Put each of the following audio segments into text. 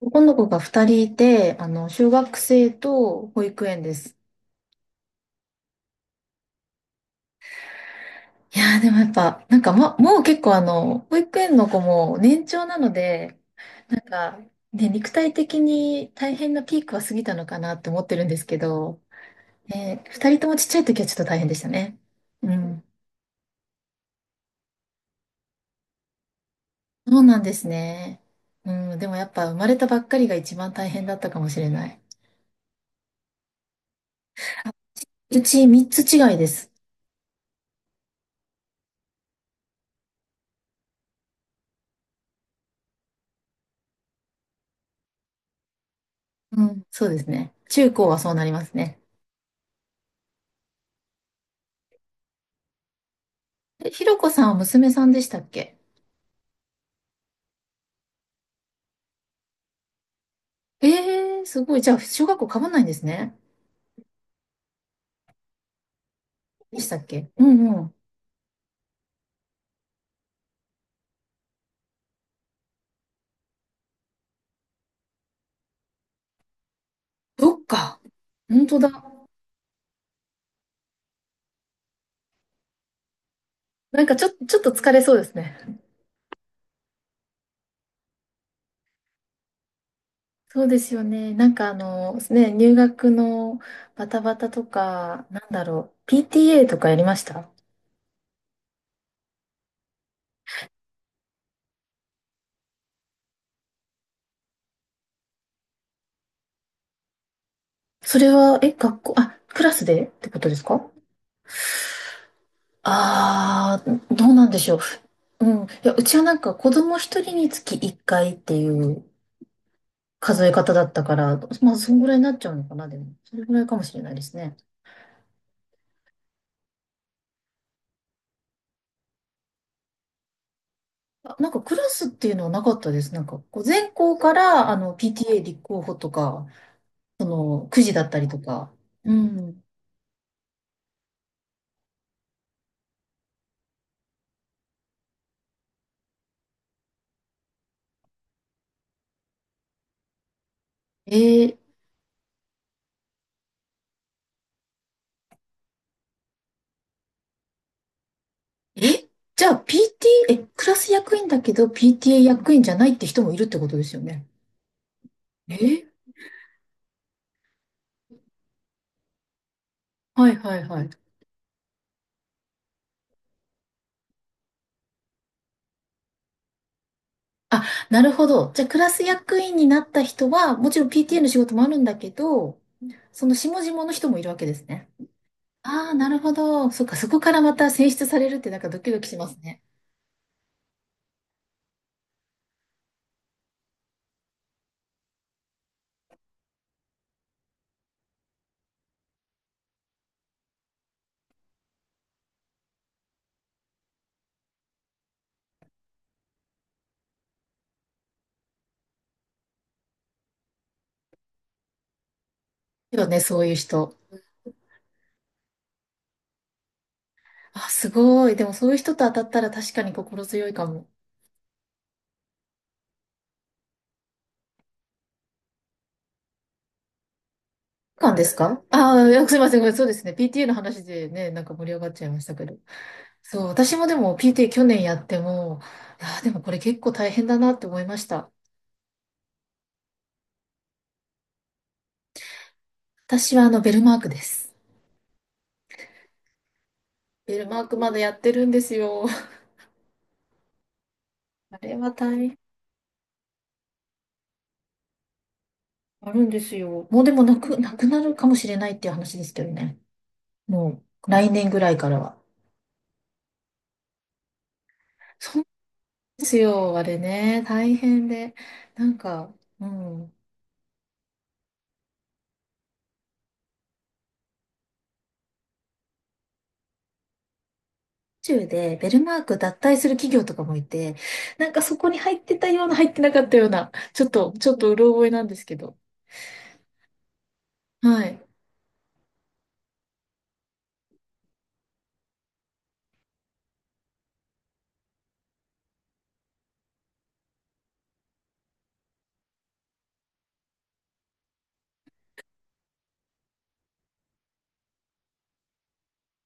男の子が二人いて、小学生と保育園です。いやー、でもやっぱ、なんかま、もう結構あの、保育園の子も年長なので、なんか、ね、肉体的に大変なピークは過ぎたのかなって思ってるんですけど、ね、二人ともちっちゃい時はちょっと大変でしたね。うん。そうなんですね。うん、でもやっぱ生まれたばっかりが一番大変だったかもしれない。うち三つ違いです。うん、そうですね。中高はそうなりますね。え、ひろこさんは娘さんでしたっけ？ええー、すごい。じゃあ、小学校被んないんですね。でしたっけ？うんうん。そっか。本当だ。ちょっと疲れそうですね。そうですよね。入学のバタバタとか、なんだろう、PTA とかやりました？それは、え、学校、あ、クラスでってことですか？ああー、どうなんでしょう。うん。いや、うちはなんか子供一人につき一回っていう数え方だったから、まあ、そんぐらいになっちゃうのかな、でも。それぐらいかもしれないですね。あ、なんかクラスっていうのはなかったです。なんか、こう全校から、PTA 立候補とか、その、くじだったりとか。うん。えー、え、じゃあ PT、え、クラス役員だけど PTA 役員じゃないって人もいるってことですよね。え、はいはいはい。あ、なるほど。じゃあクラス役員になった人は、もちろん PTA の仕事もあるんだけど、その下々の人もいるわけですね。ああ、なるほど。そっか、そこからまた選出されるってなんかドキドキしますね。けどね、そういう人。あ、すごい。でもそういう人と当たったら確かに心強いかも。感ですか？ああー、いや、すいません。ごめん、そうですね。PTA の話でね、なんか盛り上がっちゃいましたけど。そう、私もでも PTA 去年やっても、ああ、でもこれ結構大変だなって思いました。私はあの、ベルマークです。ベルマークまだやってるんですよ。あれは大変。あるんですよ。もうでも、なく、なくなるかもしれないっていう話ですけどね。もう来年ぐらいからは。そうですよ、あれね、大変で。なんか、うん、宇宙でベルマーク脱退する企業とかもいて、なんかそこに入ってたような、入ってなかったような、ちょっとうろ覚えなんですけど。はい。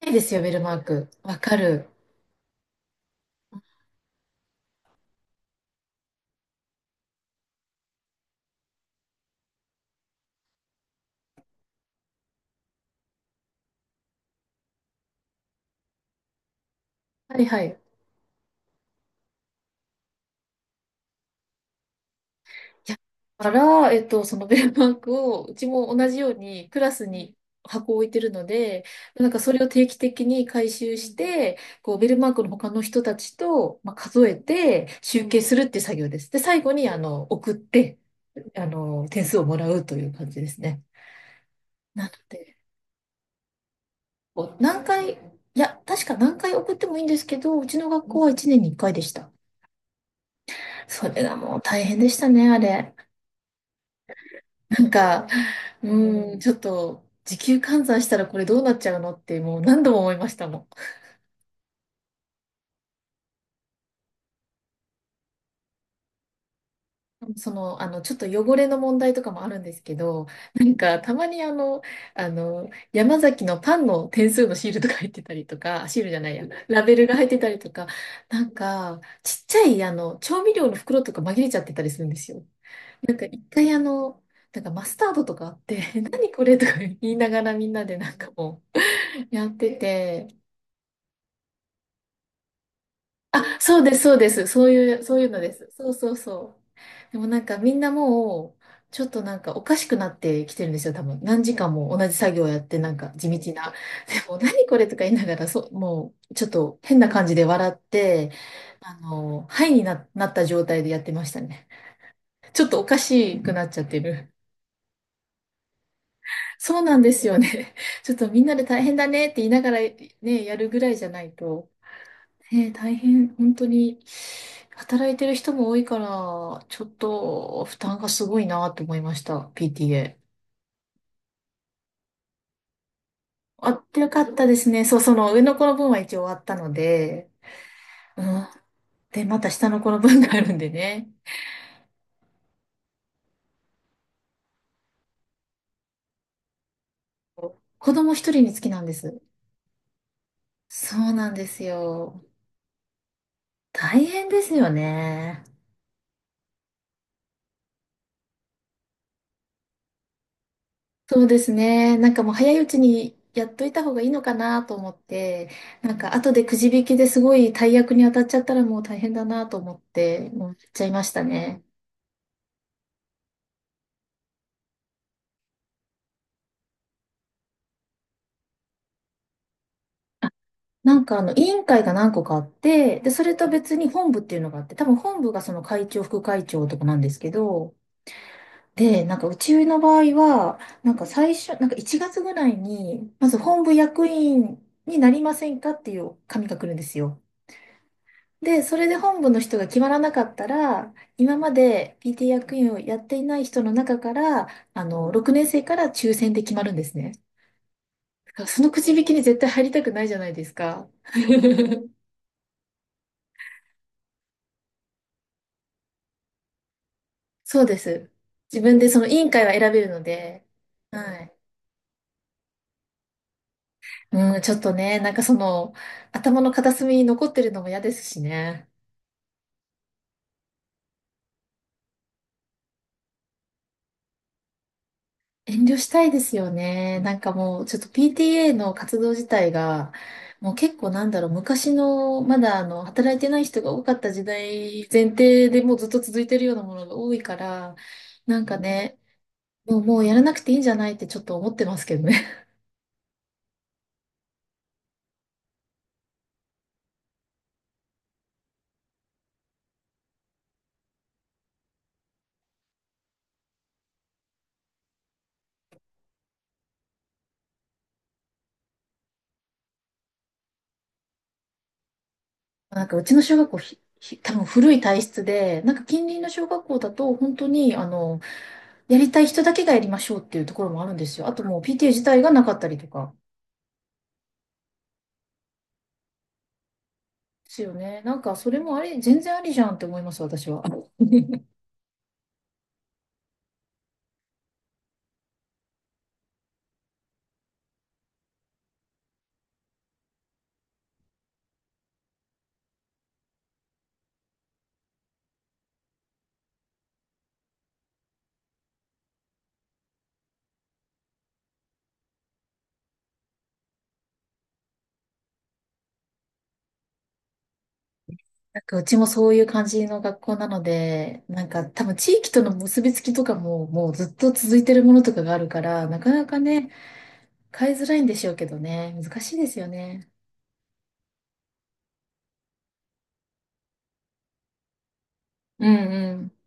ないですよ、ベルマーク。わかる。はいはい。いや、だから、えっと、そのベルマークを、うちも同じようにクラスに箱を置いてるので、なんかそれを定期的に回収して、こう、ベルマークの他の人たちと、まあ、数えて集計するっていう作業です。で、最後に、送って、点数をもらうという感じですね。なので、こう何回、いや、確か何回送ってもいいんですけど、うちの学校は1年に1回でした。それがもう大変でしたね、あれ。なんか、うん、ちょっと時給換算したらこれどうなっちゃうのってもう何度も思いましたもん。その、あの、ちょっと汚れの問題とかもあるんですけど、なんかたまに、山崎のパンの点数のシールとか入ってたりとか、シールじゃないや、ラベルが入ってたりとか、なんかちっちゃい、調味料の袋とか紛れちゃってたりするんですよ。なんか一回あの、なんかマスタードとかあって、何これとか言いながらみんなでなんかもうやってて、あ、そうです、そうです。そういう、そういうのです。そうそうそう。でもなんかみんなもう、ちょっとおかしくなってきてるんですよ、多分。何時間も同じ作業やって、なんか地道な。でも、何これとか言いながら、そう、もう、ちょっと変な感じで笑って、あの、ハイにな、なった状態でやってましたね。ちょっとおかしくなっちゃってる。そうなんですよね。ちょっとみんなで大変だねって言いながらね、やるぐらいじゃないと。ねえ、大変、本当に、働いてる人も多いから、ちょっと負担がすごいなと思いました、PTA。あってよかったですね。そう、その上の子の分は一応終わったので、うん。で、また下の子の分があるんでね。子供一人につきなんです。そうなんですよ。大変ですよね。そうですね。なんかもう早いうちにやっといた方がいいのかなと思って、なんか後でくじ引きですごい大役に当たっちゃったらもう大変だなと思って、もうやっちゃいましたね。なんかあの委員会が何個かあって、で、それと別に本部っていうのがあって、多分本部がその会長、副会長とかなんですけど、で、うちの場合は、最初、1月ぐらいに、まず本部役員になりませんかっていう紙が来るんですよ。で、それで本部の人が決まらなかったら、今まで PT 役員をやっていない人の中から、あの、6年生から抽選で決まるんですね。だからそのくじ引きに絶対入りたくないじゃないですか。そうです。自分でその委員会は選べるので、はい。うん、ちょっとね、なんかその、頭の片隅に残ってるのも嫌ですしね。遠慮したいですよね。なんかもう、ちょっと PTA の活動自体が、もう結構なんだろう、昔の、まだあの、働いてない人が多かった時代前提でもうずっと続いてるようなものが多いから、なんかね、もうやらなくていいんじゃないってちょっと思ってますけどね。うちの小学校多分古い体質で、なんか近隣の小学校だと本当に、あの、やりたい人だけがやりましょうっていうところもあるんですよ。あともう PTA 自体がなかったりとか。ですよね。なんか、それもあり、全然ありじゃんって思います、私は。なんか、うちもそういう感じの学校なので、なんか、多分地域との結びつきとかも、もうずっと続いてるものとかがあるから、なかなかね、変えづらいんでしょうけどね、難しいですよね。うんうん。